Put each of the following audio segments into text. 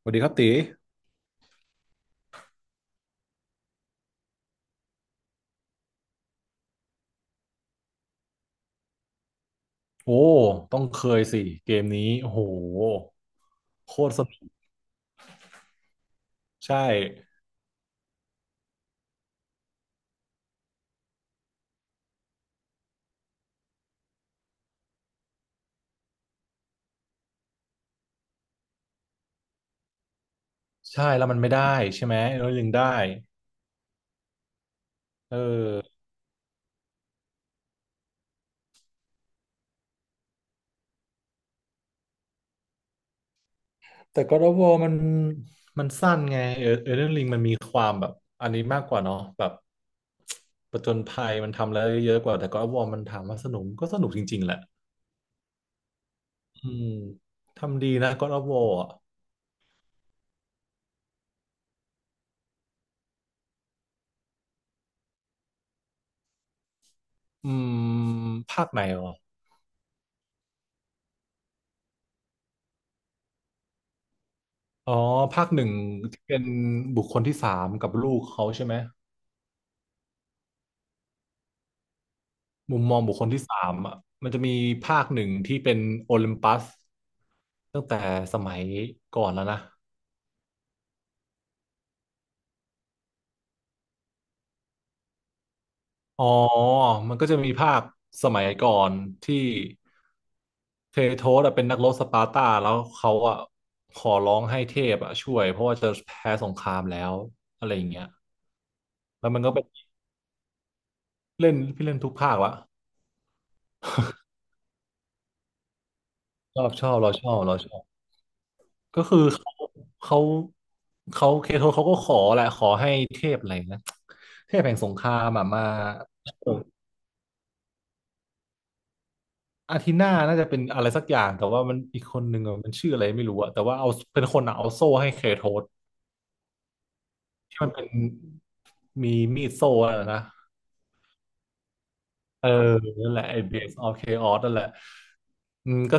สวัสดีครับตีโอ้ต้องเคยสิเกมนี้โอ้โหโคตรสนุกใช่ใช่แล้วมันไม่ได้ใช่ไหมแล้วยังได้เออแต่ God of War มันสั้นไงเออ Elden Ring มันมีความแบบอันนี้มากกว่าเนาะแบบประจนภัยมันทำแล้วเยอะกว่าแต่ God of War มันถามว่าสนุกก็สนุกจริงๆแหละอืมทำดีนะ God of War อ่ะอืมภาคไหนอ๋ออ๋อภาคหนึ่งที่เป็นบุคคลที่สามกับลูกเขาใช่ไหม มุมมองบุคคลที่สามอ่ะมันจะมีภาคหนึ่งที่เป็นโอลิมปัสตั้งแต่สมัยก่อนแล้วนะอ๋อมันก็จะมีภาคสมัยก่อนที่เทโทสอะเป็นนักรบสปาร์ตาแล้วเขาอะขอร้องให้เทพอะช่วยเพราะว่าจะแพ้สงครามแล้วอะไรอย่างเงี้ยแล้วมันก็เป็นเล่นพี่เล่นทุกภาคละชอบชอบเราชอบเราชอบ ก็คือเขาเขาเขาเคโทเขาก็ขอแหละขอให้เทพอะไรนะเทพแห่งสงครามอะมาอาทิน่าน่าจะเป็นอะไรสักอย่างแต่ว่ามันอีกคนหนึ่งอะมันชื่ออะไรไม่รู้อะแต่ว่าเอาเป็นคนอะเอาโซ่ให้เคโทสที่มันเป็นมีมีดโซ่อะนะ เออนั่นแหละไอ้ Base of Chaos นั่นแหละอืมก็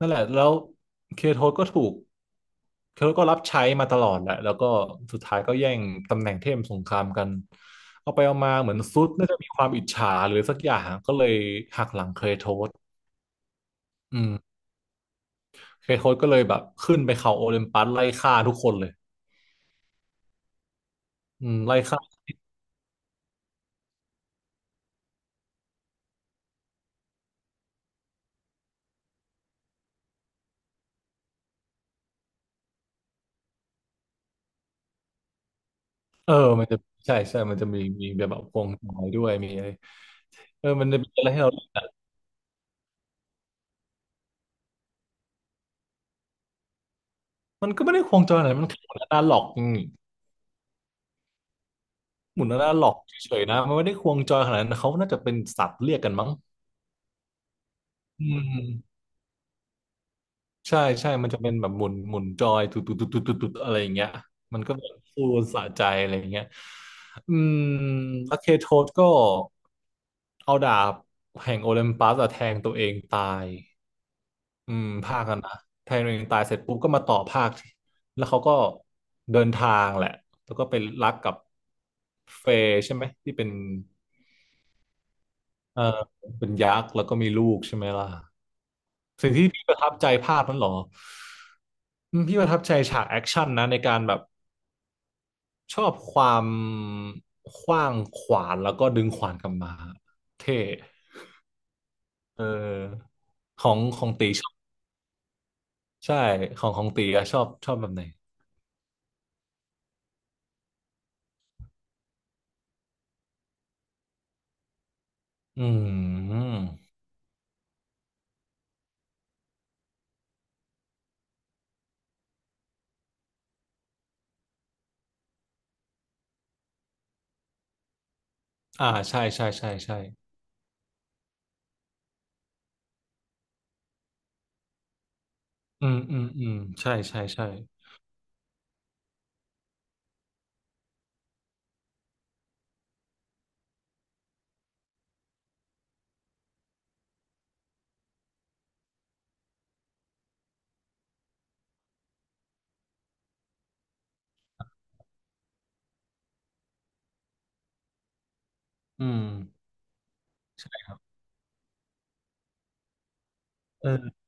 นั่นแหละ แล้วเคโทสก็ถูกเคโทสก็รับใช้มาตลอดแหละแล้วก็สุดท้ายก็แย่งตำแหน่งเทพสงครามกัน เอาไปเอามาเหมือนซุดน่าจะมีความอิจฉาหรือสักอย่างก็เลยหักหลังเคโทสอืมเคโทสก็เลยแบบขึ้นไปเขาโอลิมปัสไล่ฆ่าทุกคนเลยอืมไล่ฆ่าเออมันจะใช่ใช่มันจะมีแบบแบบควงจอยด้วยมีอะไรเออ มันจะมีอะไรให้เรามันก็ไม่ได้ควงจอยอะไรมันคือหน้าหลอกอืม หมุนน่าหลอกเฉยๆนะมันไม่ได้ควงจอยขนาดนั้นเขาน่าจะเป็นสัตว์เรียกกันมั้งอืมใช่ใช่มันจะเป็นแบบหมุนหมุนจอยตุดตุดตุดตุดตุดตุดอะไรอย่างเงี้ยมันก็แบบฟูลสะใจอะไรอย่างเงี้ยอืมแล้วเคโทสก็เอาดาบแห่งโอลิมปัสอะแทงตัวเองตายอืมภาคกันนะแทงตัวเองตายเสร็จปุ๊บก็มาต่อภาคแล้วเขาก็เดินทางแหละแล้วก็ไปรักกับเฟย์ใช่ไหมที่เป็น เออเป็นยักษ์แล้วก็มีลูกใช่ไหมล่ะสิ่งที่พี่ประทับใจภาพนั้นเหรออืมพี่ประทับใจฉากแอคชั่นนะในการแบบชอบความขว้างขวานแล้วก็ดึงขวานกลับมาเท่เออของของตีชอบใช่ของของตีอะชอบชอบแบบไหนอืมอ่าใช่ใช่ใช่ใช่อืมอืมอืมใช่ใช่ใช่อืมเออ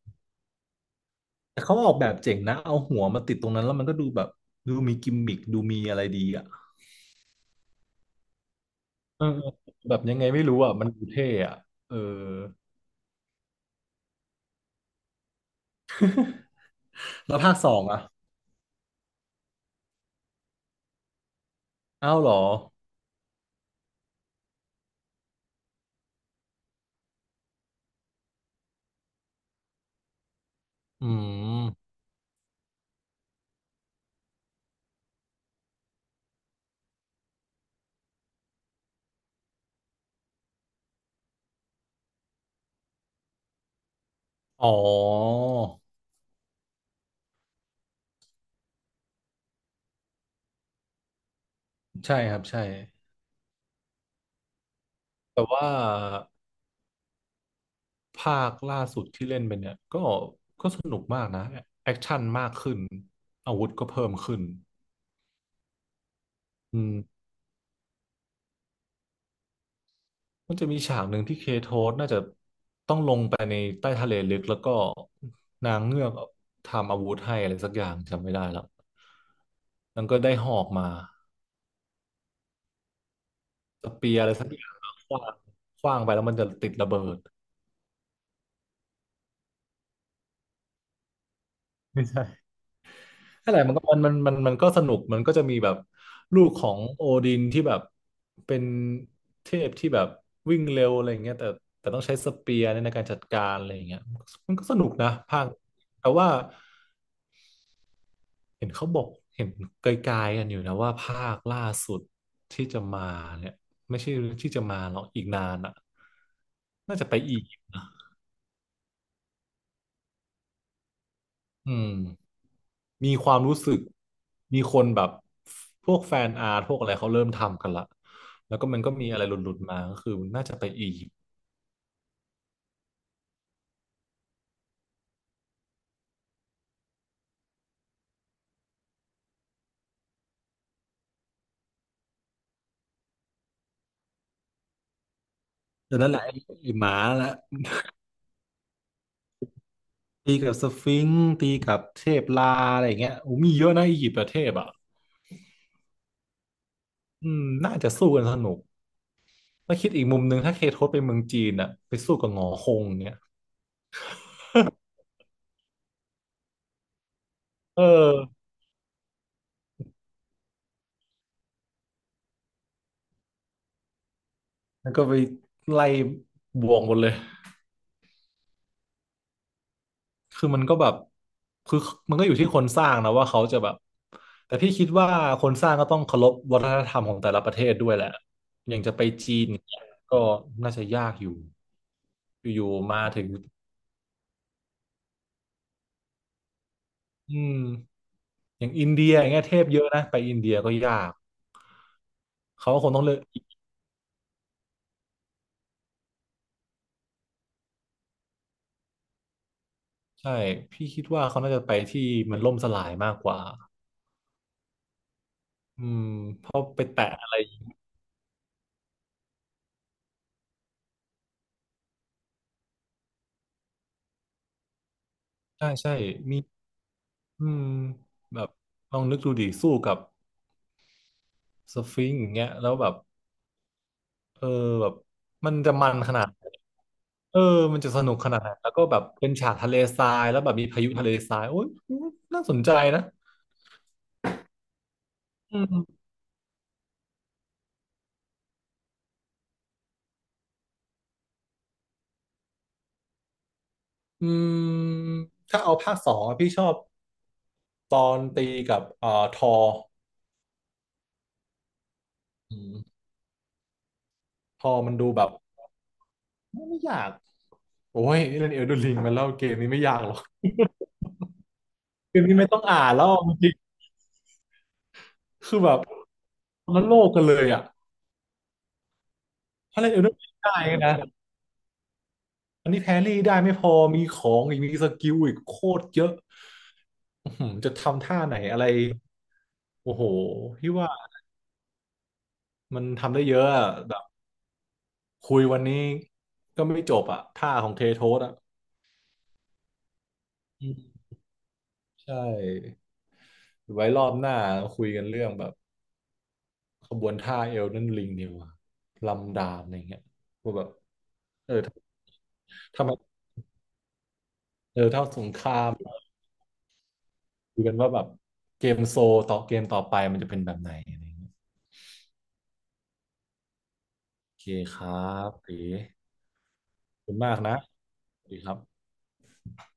แต่เขาออกแบบเจ๋งนะเอาหัวมาติดตรงนั้นแล้วมันก็ดูแบบดูมีกิมมิคดูมีอะไรดีอ่ะ เออแบบยังไงไม่รู้อ่ะมันดูเท่อ่ะเออแล้วภาคสองอ่ะอ้าวเหรออืมอ๋อใช่ครับใช่แต่ว่าภาคล่าสุดที่เล่นไปเนี่ยก็ก็สนุกมากนะแอคชั่นมากขึ้นอาวุธก็เพิ่มขึ้นอืมมันจะมีฉากหนึ่งที่เคโทสน่าจะต้องลงไปในใต้ทะเลลึกแล้วก็นางเงือกทำอาวุธให้อะไรสักอย่างจำไม่ได้แล้วมันางก็ได้หอกมา สเปียร์อะไรสักอย่างขว้างขว้างไปแล้วมันจะติดระเบิดไม่ใช่นั่นแหละมันก็สนุกมันก็จะมีแบบลูกของโอดินที่แบบเป็นเทพที่แบบวิ่งเร็วอะไรอย่างเงี้ยแต่ต้องใช้สเปียร์ในการจัดการอะไรอย่างเงี้ยมันก็สนุกนะภาคแต่ว่าเห็นเขาบอกเห็นไกลๆกันอยู่นะว่าภาคล่าสุดที่จะมาเนี่ยไม่ใช่ที่จะมาหรอกอีกนานอ่ะน่าจะไปอีก อืมมีความรู้สึกมีคนแบบพวกแฟนอาร์ตพวกอะไรเขาเริ่มทำกันละแล้วก็มันก็มีอะไรหลุดๆมาก็คือน่าจะไปอียิปต์เดี๋ยวนั้นแหละไอ้ไอ้หมาและตีกับสฟิงซ์ตีกับเทพลาอะไรอย่างเงี้ยโอ้มีเยอะนะอียิปต์ประเทศอ่ะอืมน่าจะสู้กันสนุกแล้าคิดอีกมุมหนึ่งถ้าเคทศไปเมืองจีนอ่ะไปสู้กับหงอคงเนี่ย เออแล้วก็ไปไล่บวกหมดเลย คือมันก็แบบคือมันก็อยู่ที่คนสร้างนะว่าเขาจะแบบแต่พี่คิดว่าคนสร้างก็ต้องเคารพวัฒนธรรมของแต่ละประเทศด้วยแหละอย่างจะไปจีนเนี่ยก็น่าจะยากอยู่อยู่ๆมาถึงอืมอย่างอินเดียอย่างเงี้ยเทพเยอะนะไปอินเดียก็ยากเขาก็คงต้องเลือกใช่พี่คิดว่าเขาน่าจะไปที่มันล่มสลายมากกว่าอืมเพราะไปแตะอะไรใช่ใช่มีอืมแบบลองนึกดูดิสู้กับสฟิงซ์อย่างเงี้ยแล้วแบบ เออแบบมันจะมันขนาดเออมันจะสนุกขนาดไหนแล้วก็แบบเป็นฉากทะเลทรายแล้วแบบมีพายุทะเลทรายโอ้ยน่าสนใจนะอืมอืมถ้าเอาภาคสองอะพี่ชอบตอนตีกับทออืมทอมันดูแบบไม่ยากโอ้ยนี่เล่นเอลดูลิงมาแล้วเกมนี้ไม่ยากหรอกเกมนี้ไม่ต้องอ่านแล้วจริงๆคือแบบคนละโลกกันเลยอ่ะถ้าเล่นเอลดูลิงได้นะ อันนี้แครี่ได้ไม่พอมีของอีกมีสกิลอีกโคตรเยอะอื้อหือจะทำท่าไหนอะไรโอ้โหพี่ว่ามันทำได้เยอะอะแบบคุยวันนี้ก็ไม่จบอะท่าของเทโทสอะอืมใช่ไว้รอบหน้าคุยกันเรื่องแบบขบวนท่าเอลนั่นลิงเดียวาลำดาบอะไรเงี้ยว่าแบบเออทำไมเออถ้าสงครามคุยกันว่าแบบเกมโซต่อเกมต่อไปมันจะเป็นแบบไหนอะไรเงี้ยโอเคครับตี ขอบคุณมากนะสวัสดีครับ